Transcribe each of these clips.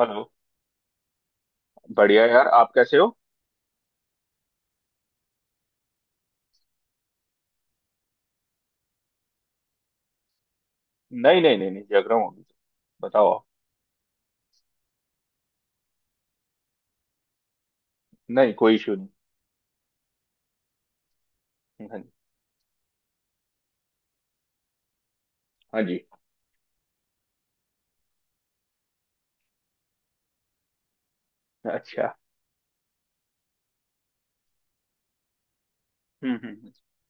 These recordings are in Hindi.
हेलो। बढ़िया यार, आप कैसे हो? नहीं नहीं नहीं नहीं, जग रहा हूँ अभी तो। बताओ आप। नहीं कोई इशू नहीं। हाँ जी। हाँ जी। अच्छा। हम्म।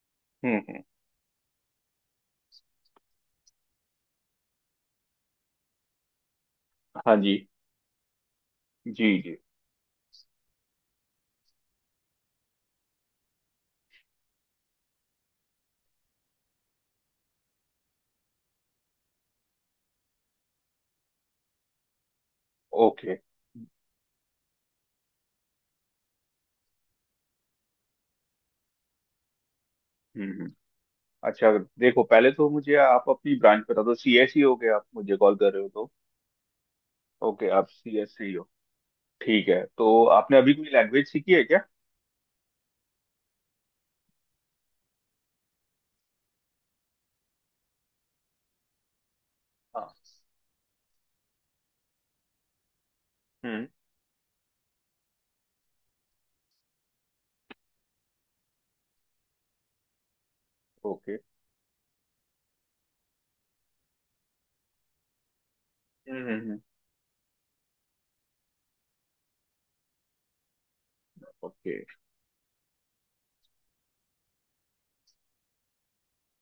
हम्म हम्म, हम्म। हाँ जी। जी जी। ओके। हम्म हम्म अच्छा देखो पहले तो मुझे आप अपनी ब्रांच बता दो सीएसई हो गए आप मुझे कॉल कर रहे हो तो ओके आप सीएसई हो ठीक है तो आपने अभी कोई लैंग्वेज सीखी है क्या हाँ हम्म ओके हम्म हम्म हम्म, ओके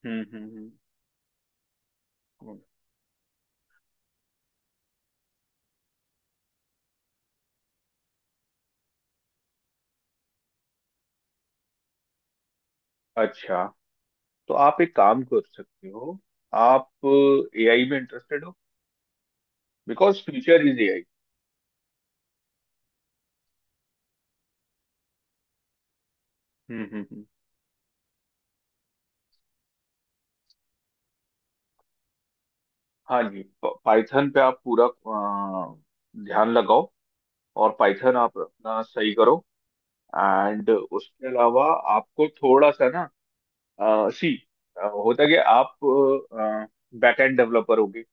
हम्म हम्म हम्म हम्म। अच्छा। तो आप एक काम कर सकते हो। आप एआई में इंटरेस्टेड हो? Because future is AI. हम्म। हाँ जी, पाइथन पे आप पूरा ध्यान लगाओ। और पाइथन आप अपना सही करो। एंड उसके अलावा आपको थोड़ा सा ना, सी होता है कि आप बैकएंड डेवलपर होगे।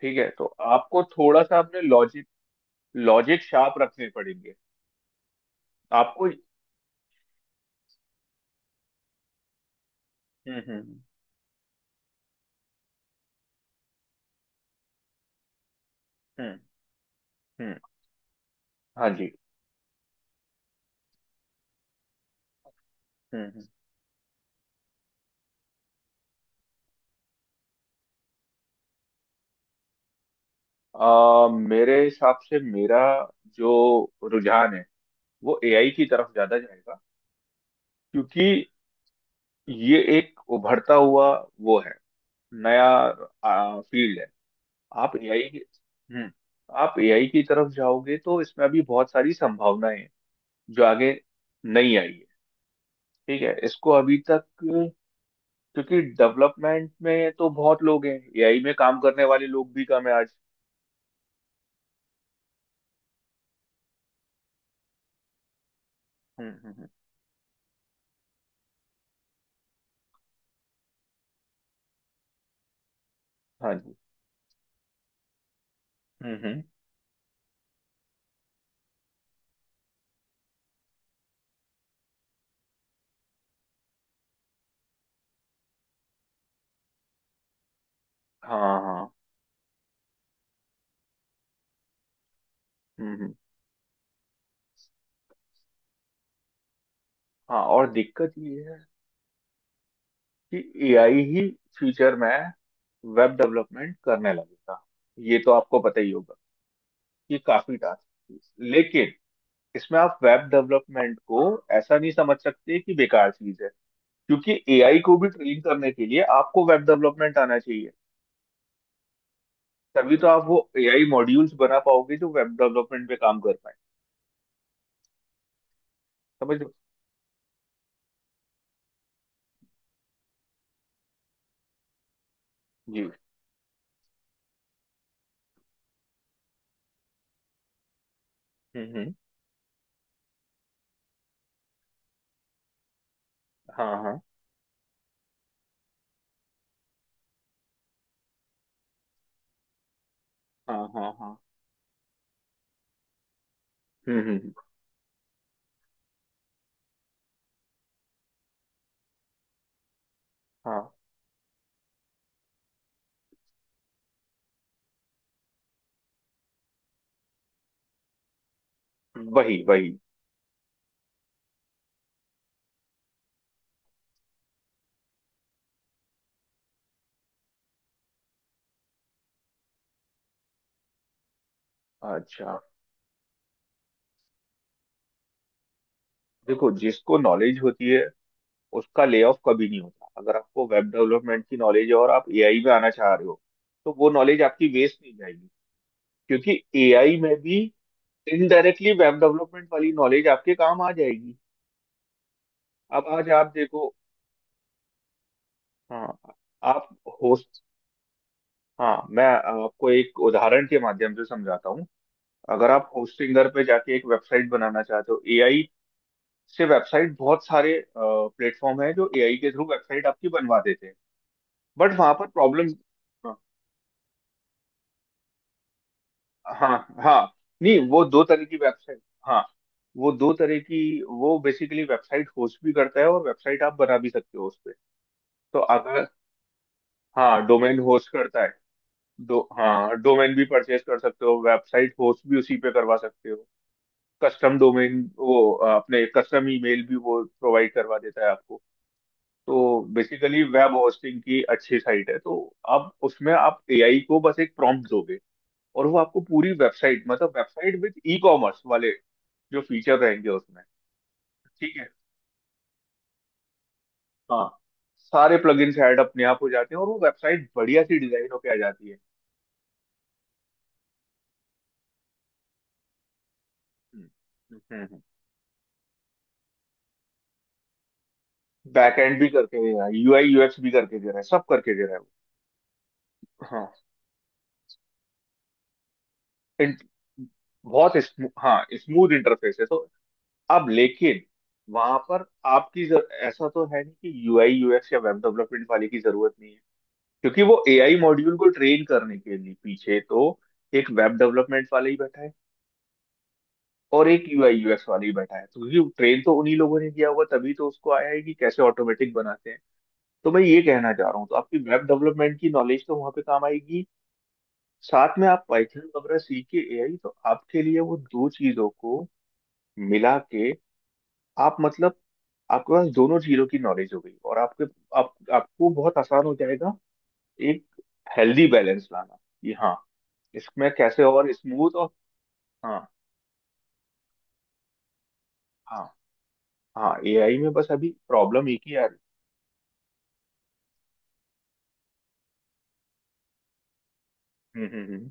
ठीक है, तो आपको थोड़ा सा अपने लॉजिक लॉजिक शार्प रखने पड़ेंगे। आपको हम्म हम्म हम्म हम्म। हाँ जी। हम्म। मेरे हिसाब से मेरा जो रुझान है वो एआई की तरफ ज्यादा जाएगा। क्योंकि ये एक उभरता हुआ वो है, नया फील्ड है। आप एआई की। हम्म। आप एआई की तरफ जाओगे तो इसमें अभी बहुत सारी संभावनाएं हैं जो आगे नहीं आई है। ठीक है, इसको अभी तक। क्योंकि डेवलपमेंट में तो बहुत लोग हैं, एआई में काम करने वाले लोग भी कम है आज। हम्म हम्म हम्म, हाँ जी। हम्म। हाँ हाँ। हम्म। हाँ, और दिक्कत ये है कि एआई ही फ्यूचर में वेब डेवलपमेंट करने लगेगा। ये तो आपको पता ही होगा। ये काफी टास्क। लेकिन इसमें आप वेब डेवलपमेंट को ऐसा नहीं समझ सकते कि बेकार चीज है। क्योंकि एआई को भी ट्रेन करने के लिए आपको वेब डेवलपमेंट आना चाहिए। तभी तो आप वो एआई मॉड्यूल्स बना पाओगे जो वेब डेवलपमेंट पे काम कर पाए। समझ लो। जी। हम्म। हाँ हाँ हाँ हाँ हाँ। हम्म हम्म हम्म। हाँ वही वही। अच्छा, देखो जिसको नॉलेज होती है उसका ले ऑफ कभी नहीं होता। अगर आपको वेब डेवलपमेंट की नॉलेज है और आप एआई में आना चाह रहे हो तो वो नॉलेज आपकी वेस्ट नहीं जाएगी। क्योंकि एआई में भी इनडायरेक्टली वेब डेवलपमेंट वाली नॉलेज आपके काम आ जाएगी। अब आज आप देखो। हाँ आप होस्ट। हाँ, मैं आपको एक उदाहरण के माध्यम से समझाता हूँ। अगर आप होस्टिंगर पे जाके एक वेबसाइट बनाना चाहते हो, एआई से वेबसाइट, बहुत सारे प्लेटफॉर्म है जो एआई के थ्रू वेबसाइट आपकी बनवा देते हैं। बट वहां पर प्रॉब्लम। हाँ हाँ। नहीं वो दो तरह की वेबसाइट। हाँ, वो दो तरह की, वो बेसिकली वेबसाइट होस्ट भी करता है और वेबसाइट आप बना भी सकते हो उस पे। तो अगर, हाँ डोमेन होस्ट करता है। दो हाँ डोमेन भी परचेज कर सकते हो, वेबसाइट होस्ट भी उसी पे करवा सकते हो। कस्टम डोमेन वो अपने कस्टम ईमेल भी वो प्रोवाइड करवा देता है आपको। तो बेसिकली वेब होस्टिंग की अच्छी साइट है तो। अब उसमें आप एआई को बस एक प्रॉम्प्ट दोगे, और वो आपको पूरी वेबसाइट, मतलब वेबसाइट विद ई कॉमर्स वाले जो फीचर रहेंगे उसमें। ठीक है। हाँ सारे प्लगइन्स ऐड अपने आप हो जाते हैं और वो वेबसाइट बढ़िया सी डिजाइन होके आ जाती है। हम्म। बैक एंड भी करके दे रहा है, यूआई यूएक्स भी करके दे रहा है, सब करके दे रहा है वो। हाँ इंट- बहुत हाँ स्मूथ इंटरफेस है तो। अब लेकिन वहां पर आपकी ऐसा तो है नहीं कि यूआई यूएक्स या वेब डेवलपमेंट वाले की जरूरत नहीं है। क्योंकि वो एआई मॉड्यूल को ट्रेन करने के लिए पीछे तो एक वेब डेवलपमेंट वाला ही बैठा है और एक यूआई यूएक्स वाला ही बैठा है। तो क्योंकि ट्रेन तो उन्हीं लोगों ने किया हुआ, तभी तो उसको आया है कि कैसे ऑटोमेटिक बनाते हैं। तो मैं ये कहना चाह रहा हूँ, तो आपकी वेब डेवलपमेंट की नॉलेज तो वहां पे काम आएगी। साथ में आप पाइथन वगैरह सीख के एआई, तो आपके लिए वो दो चीजों को मिला के, आप मतलब आपके पास दोनों चीजों की नॉलेज हो गई और आपके, आप आपको बहुत आसान हो जाएगा एक हेल्दी बैलेंस लाना। कि हाँ, इसमें कैसे और स्मूथ और। हाँ हाँ हाँ। एआई में बस अभी प्रॉब्लम एक ही आ रही। हम्म हम्म हम्म,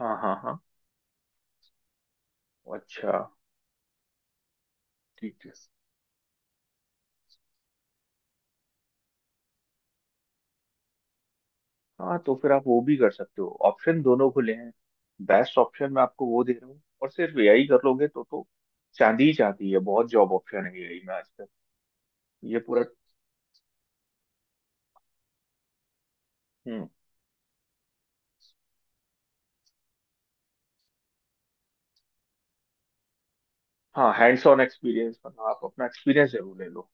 हाँ हाँ हाँ। अच्छा। ठीक है। हाँ तो फिर आप वो भी कर सकते हो, ऑप्शन दोनों खुले हैं। बेस्ट ऑप्शन मैं आपको वो दे रहा हूँ, और सिर्फ एआई कर लोगे तो चांदी ही चाहती है, बहुत जॉब ऑप्शन है एआई में आजकल। ये पूरा। हम्म। हाँ हैंड्स ऑन एक्सपीरियंस, मतलब आप अपना एक्सपीरियंस जरूर ले लो।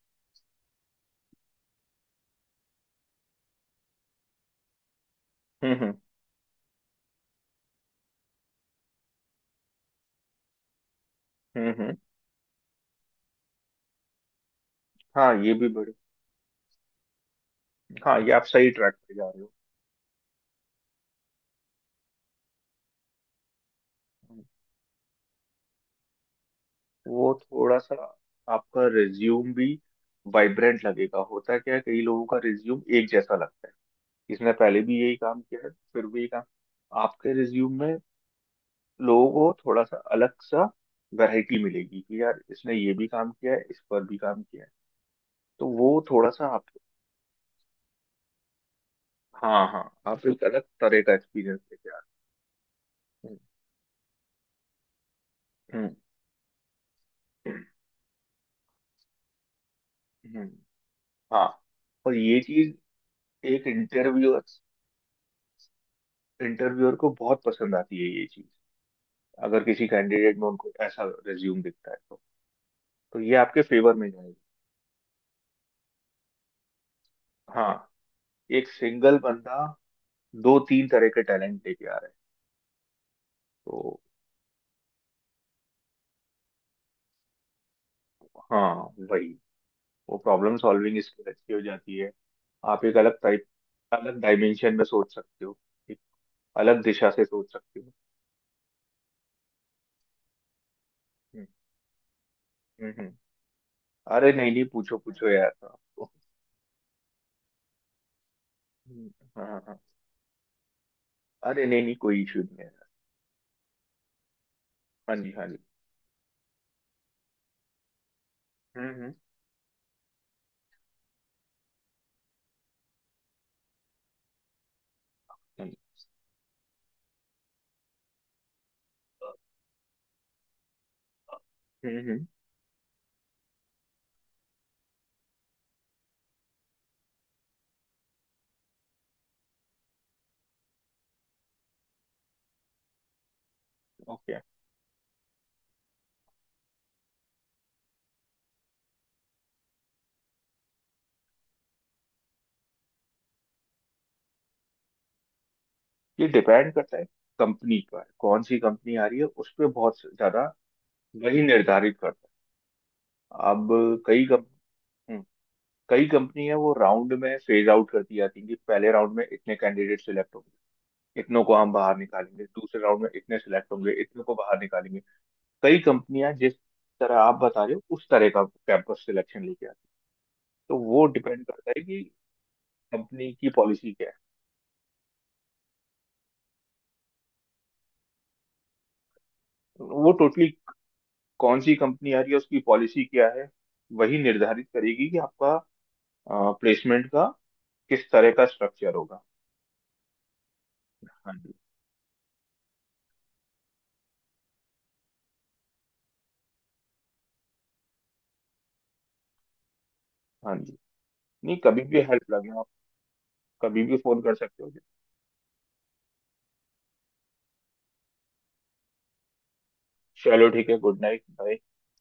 हम्म हम्म हम्म हम्म, हाँ ये भी बड़े। हाँ ये आप सही ट्रैक पे जा रहे हो। वो थोड़ा सा आपका रिज्यूम भी वाइब्रेंट लगेगा। होता क्या है, कई लोगों का रिज्यूम एक जैसा लगता है। इसने पहले भी यही काम किया है फिर भी यही काम। आपके रिज्यूम में लोगों को थोड़ा सा अलग सा वैरायटी मिलेगी कि यार, इसने ये भी काम किया है, इस पर भी काम किया है। तो वो थोड़ा सा आप, हाँ हाँ, आप एक अलग तरह का एक्सपीरियंस लेके आ रहे हो। हम्म हम्म, हम्म, हाँ। और ये चीज एक इंटरव्यूअर, इंटरव्यूअर को बहुत पसंद आती है ये चीज। अगर किसी कैंडिडेट में उनको ऐसा रिज्यूम दिखता है तो ये आपके फेवर में जाएगा। हाँ एक सिंगल बंदा दो तीन तरह के टैलेंट लेके आ रहा है तो। हाँ वही, वो प्रॉब्लम सॉल्विंग स्किल अच्छी हो जाती है। आप एक अलग टाइप, अलग डायमेंशन में सोच सकते हो। एक अलग दिशा से सोच सकते हो। हम्म हम्म, हम्म। अरे नहीं नहीं, पूछो पूछो यार आपको। हाँ हाँ हाँ। अरे नहीं नहीं, कोई इशू नहीं है। हाँ जी। हाँ जी। हम्म हम्म हम्म। ओके। ये डिपेंड करता है कंपनी पर, कौन सी कंपनी आ रही है उस पे बहुत ज्यादा वही निर्धारित करता है। अब कई कंप। हम्म, कई कंपनी है वो राउंड में फेज आउट करती जाती है कि पहले राउंड में इतने कैंडिडेट सिलेक्ट होंगे, इतनों को हम बाहर निकालेंगे। दूसरे राउंड में इतने सिलेक्ट होंगे, इतने को बाहर निकालेंगे। कई कंपनियां जिस तरह आप बता रहे हो उस तरह का कैंपस सिलेक्शन लेके आती है। तो वो डिपेंड करता है कि कंपनी की पॉलिसी क्या है। वो टोटली कौन सी कंपनी आ रही है उसकी पॉलिसी क्या है, वही निर्धारित करेगी कि आपका प्लेसमेंट का किस तरह का स्ट्रक्चर होगा। हाँ जी। हाँ जी, नहीं कभी भी हेल्प लगे आप कभी भी फोन कर सकते हो। चलो ठीक है, गुड नाइट, बाय।